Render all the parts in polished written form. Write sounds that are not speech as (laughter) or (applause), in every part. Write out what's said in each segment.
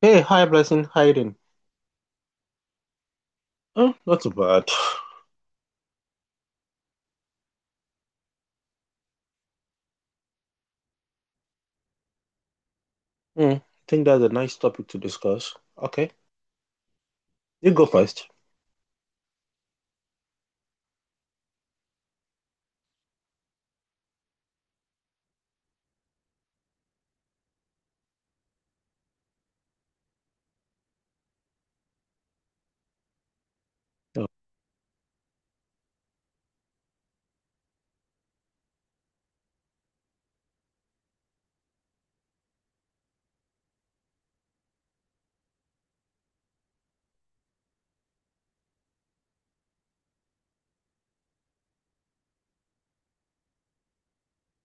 Hey, hi, Blessing. How you doing? Oh, not too bad. Hmm, I think that's a nice topic to discuss. Okay, you go first. Yeah.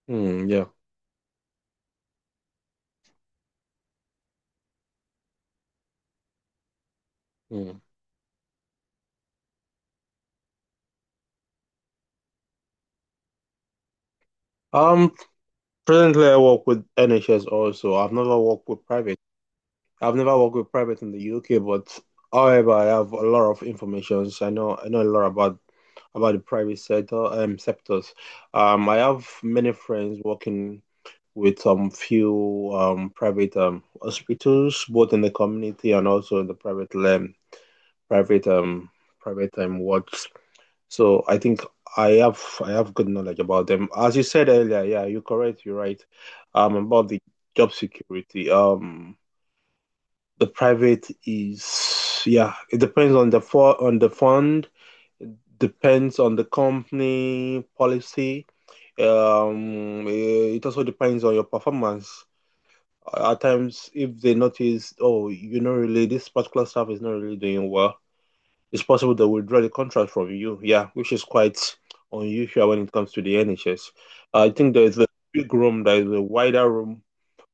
Hmm. Yeah. Mm. Um, Presently I work with NHS also. I've never worked with private. I've never worked with private in the UK, but however, I have a lot of information. I know a lot about the private sector sectors. I have many friends working with some few private hospitals, both in the community and also in the private land. private um private wards. So I think I have good knowledge about them. As you said earlier, yeah, you're correct, you're right. About the job security. The private is, yeah, it depends on the fund, depends on the company policy. It also depends on your performance. At times, if they notice, oh, really, this particular staff is not really doing well, it's possible they will draw the contract from you. Yeah, which is quite unusual when it comes to the NHS. I think there is a big room, there is a wider room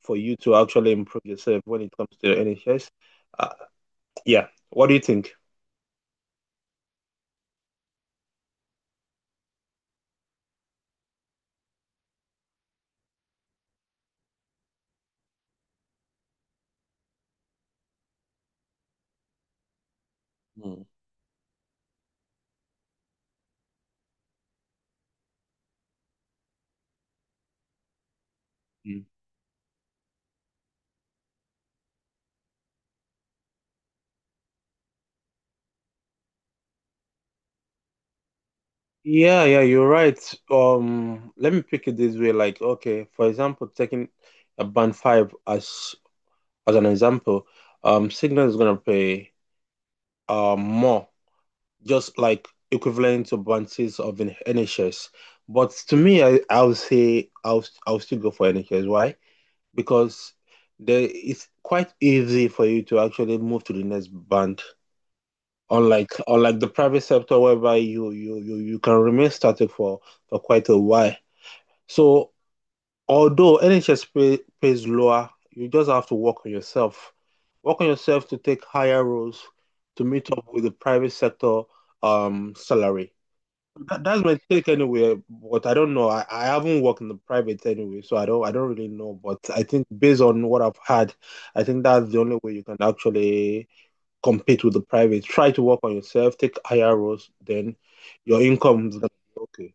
for you to actually improve yourself when it comes to the NHS. Uh, yeah, what do you think? Mm. Mm. Yeah, yeah, you're right. Let me pick it this way. Like, okay, for example, taking a band five as an example, Signal is gonna pay more, just like equivalent to bounties of an NHS. But to me, I'll say I'll still go for NHS. Why? Because there, it's quite easy for you to actually move to the next band. Unlike the private sector, whereby you can remain static for quite a while. So although NHS pays lower, you just have to work on yourself. Work on yourself to take higher roles to meet up with the private sector salary. That's my take anyway. But I don't know. I haven't worked in the private anyway, so I don't really know. But I think based on what I've had, I think that's the only way you can actually compete with the private. Try to work on yourself, take higher roles, then your income is gonna be okay.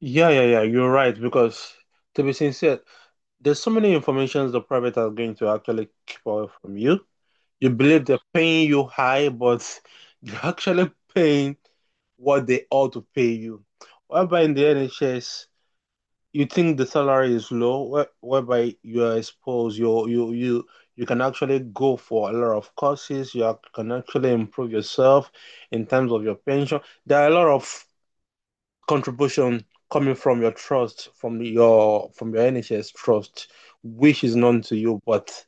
Yeah, yeah, yeah. You're right because, to be sincere, there's so many informations the private are going to actually keep away from you. You believe they're paying you high, but (laughs) they're actually paying what they ought to pay you. Whereby in the NHS, you think the salary is low, whereby you are exposed, you can actually go for a lot of courses. You can actually improve yourself in terms of your pension. There are a lot of contribution coming from your trust, from your NHS trust, which is known to you. But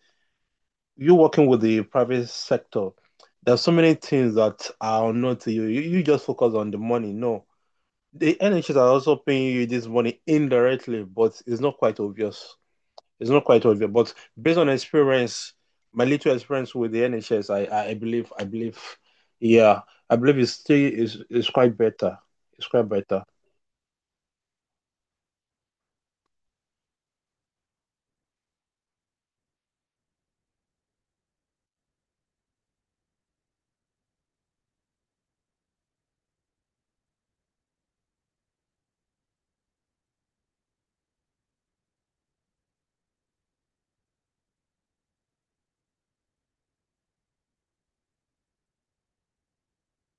you working with the private sector, there are so many things that are unknown to you. You just focus on the money. No, the NHS are also paying you this money indirectly, but it's not quite obvious. It's not quite obvious. But based on experience, my little experience with the NHS, I believe, I believe, yeah, I believe it's still is quite better. It's quite better.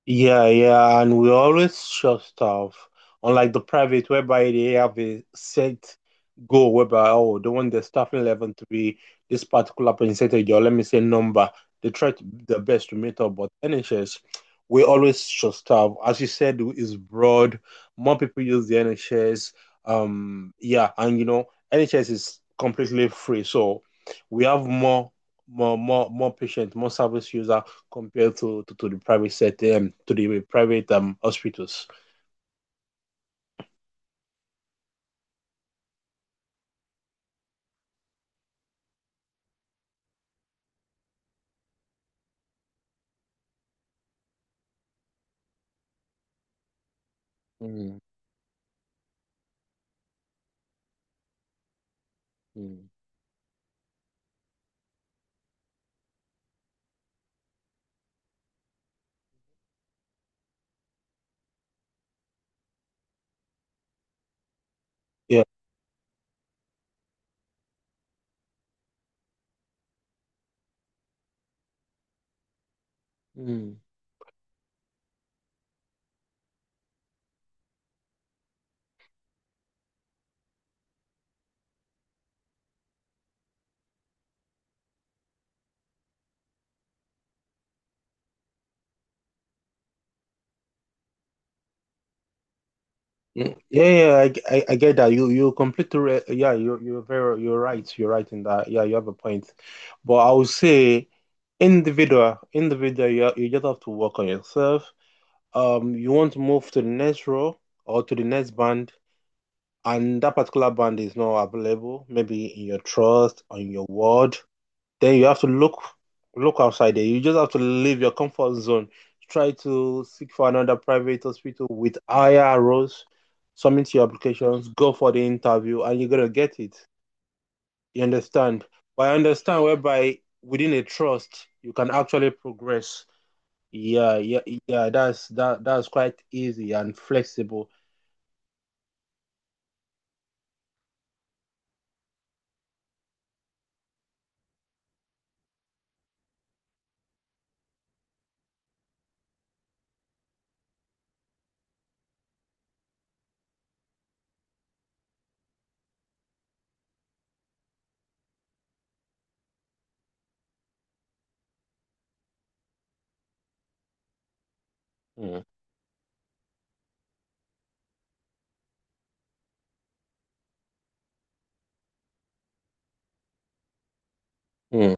Yeah, yeah, and we always share stuff. Unlike the private, whereby they have a set goal, whereby, oh, they want the staffing level to be this particular percentage, or let me say number. They try to, their best to meet up, but NHS, we always share stuff. As you said, is broad. More people use the NHS. Yeah, and you know, NHS is completely free, so we have more patient, more service user compared to the private sector and to the private hospitals. Mm, mm, yeah. Mm. Mm. Yeah, yeah, I get that. You yeah, you're very, you're right. You're right in that. Yeah, you have a point. But I would say individual you just have to work on yourself. You want to move to the next row or to the next band, and that particular band is not available, maybe in your trust, on your ward, then you have to look outside there. You just have to leave your comfort zone. Try to seek for another private hospital with higher roles, submit your applications, go for the interview, and you're gonna get it. You understand? But I understand whereby within a trust you can actually progress. Yeah, yeah, yeah. That's quite easy and flexible. Mm, mm.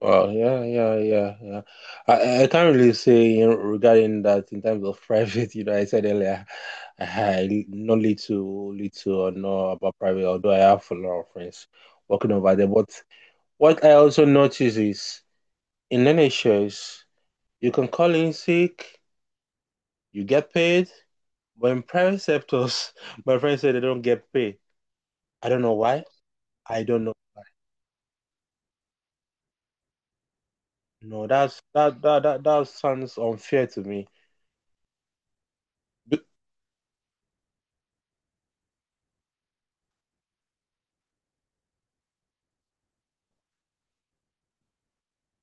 Well, yeah, yeah, yeah, yeah. I can't really say regarding that in terms of (laughs) private. You know, I said earlier, I know little or know about private, although I have a lot of friends working over there. But what I also notice is in NHS, you can call in sick, you get paid. But in private sectors, (laughs) my friends say they don't get paid. I don't know why. I don't know. No, that's that that that, that sounds unfair to me.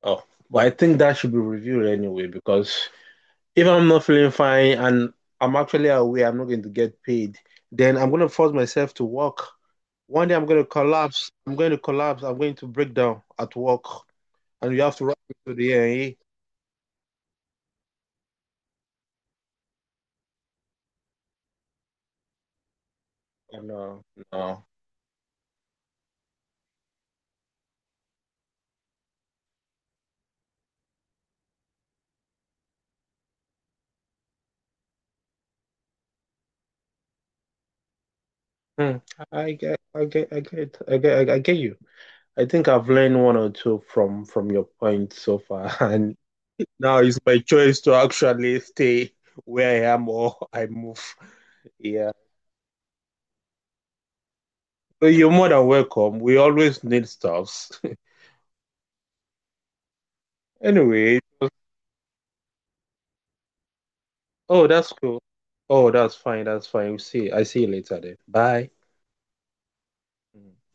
Oh, but I think that should be reviewed anyway because if I'm not feeling fine and I'm actually aware I'm not going to get paid, then I'm going to force myself to work. One day I'm going to collapse. I'm going to collapse. I'm going to break down at work, and you have to run me to the A&E. Oh, no, no. Hmm. I get, I get, I get, I get, I get you. I think I've learned one or two from your point so far, (laughs) and now it's my choice to actually stay where I am or I move. Yeah. Well, you're more than welcome. We always need stuffs. (laughs) Anyway, oh, that's cool. Oh, that's fine. That's fine. We see. I see you later then. Bye. Mm.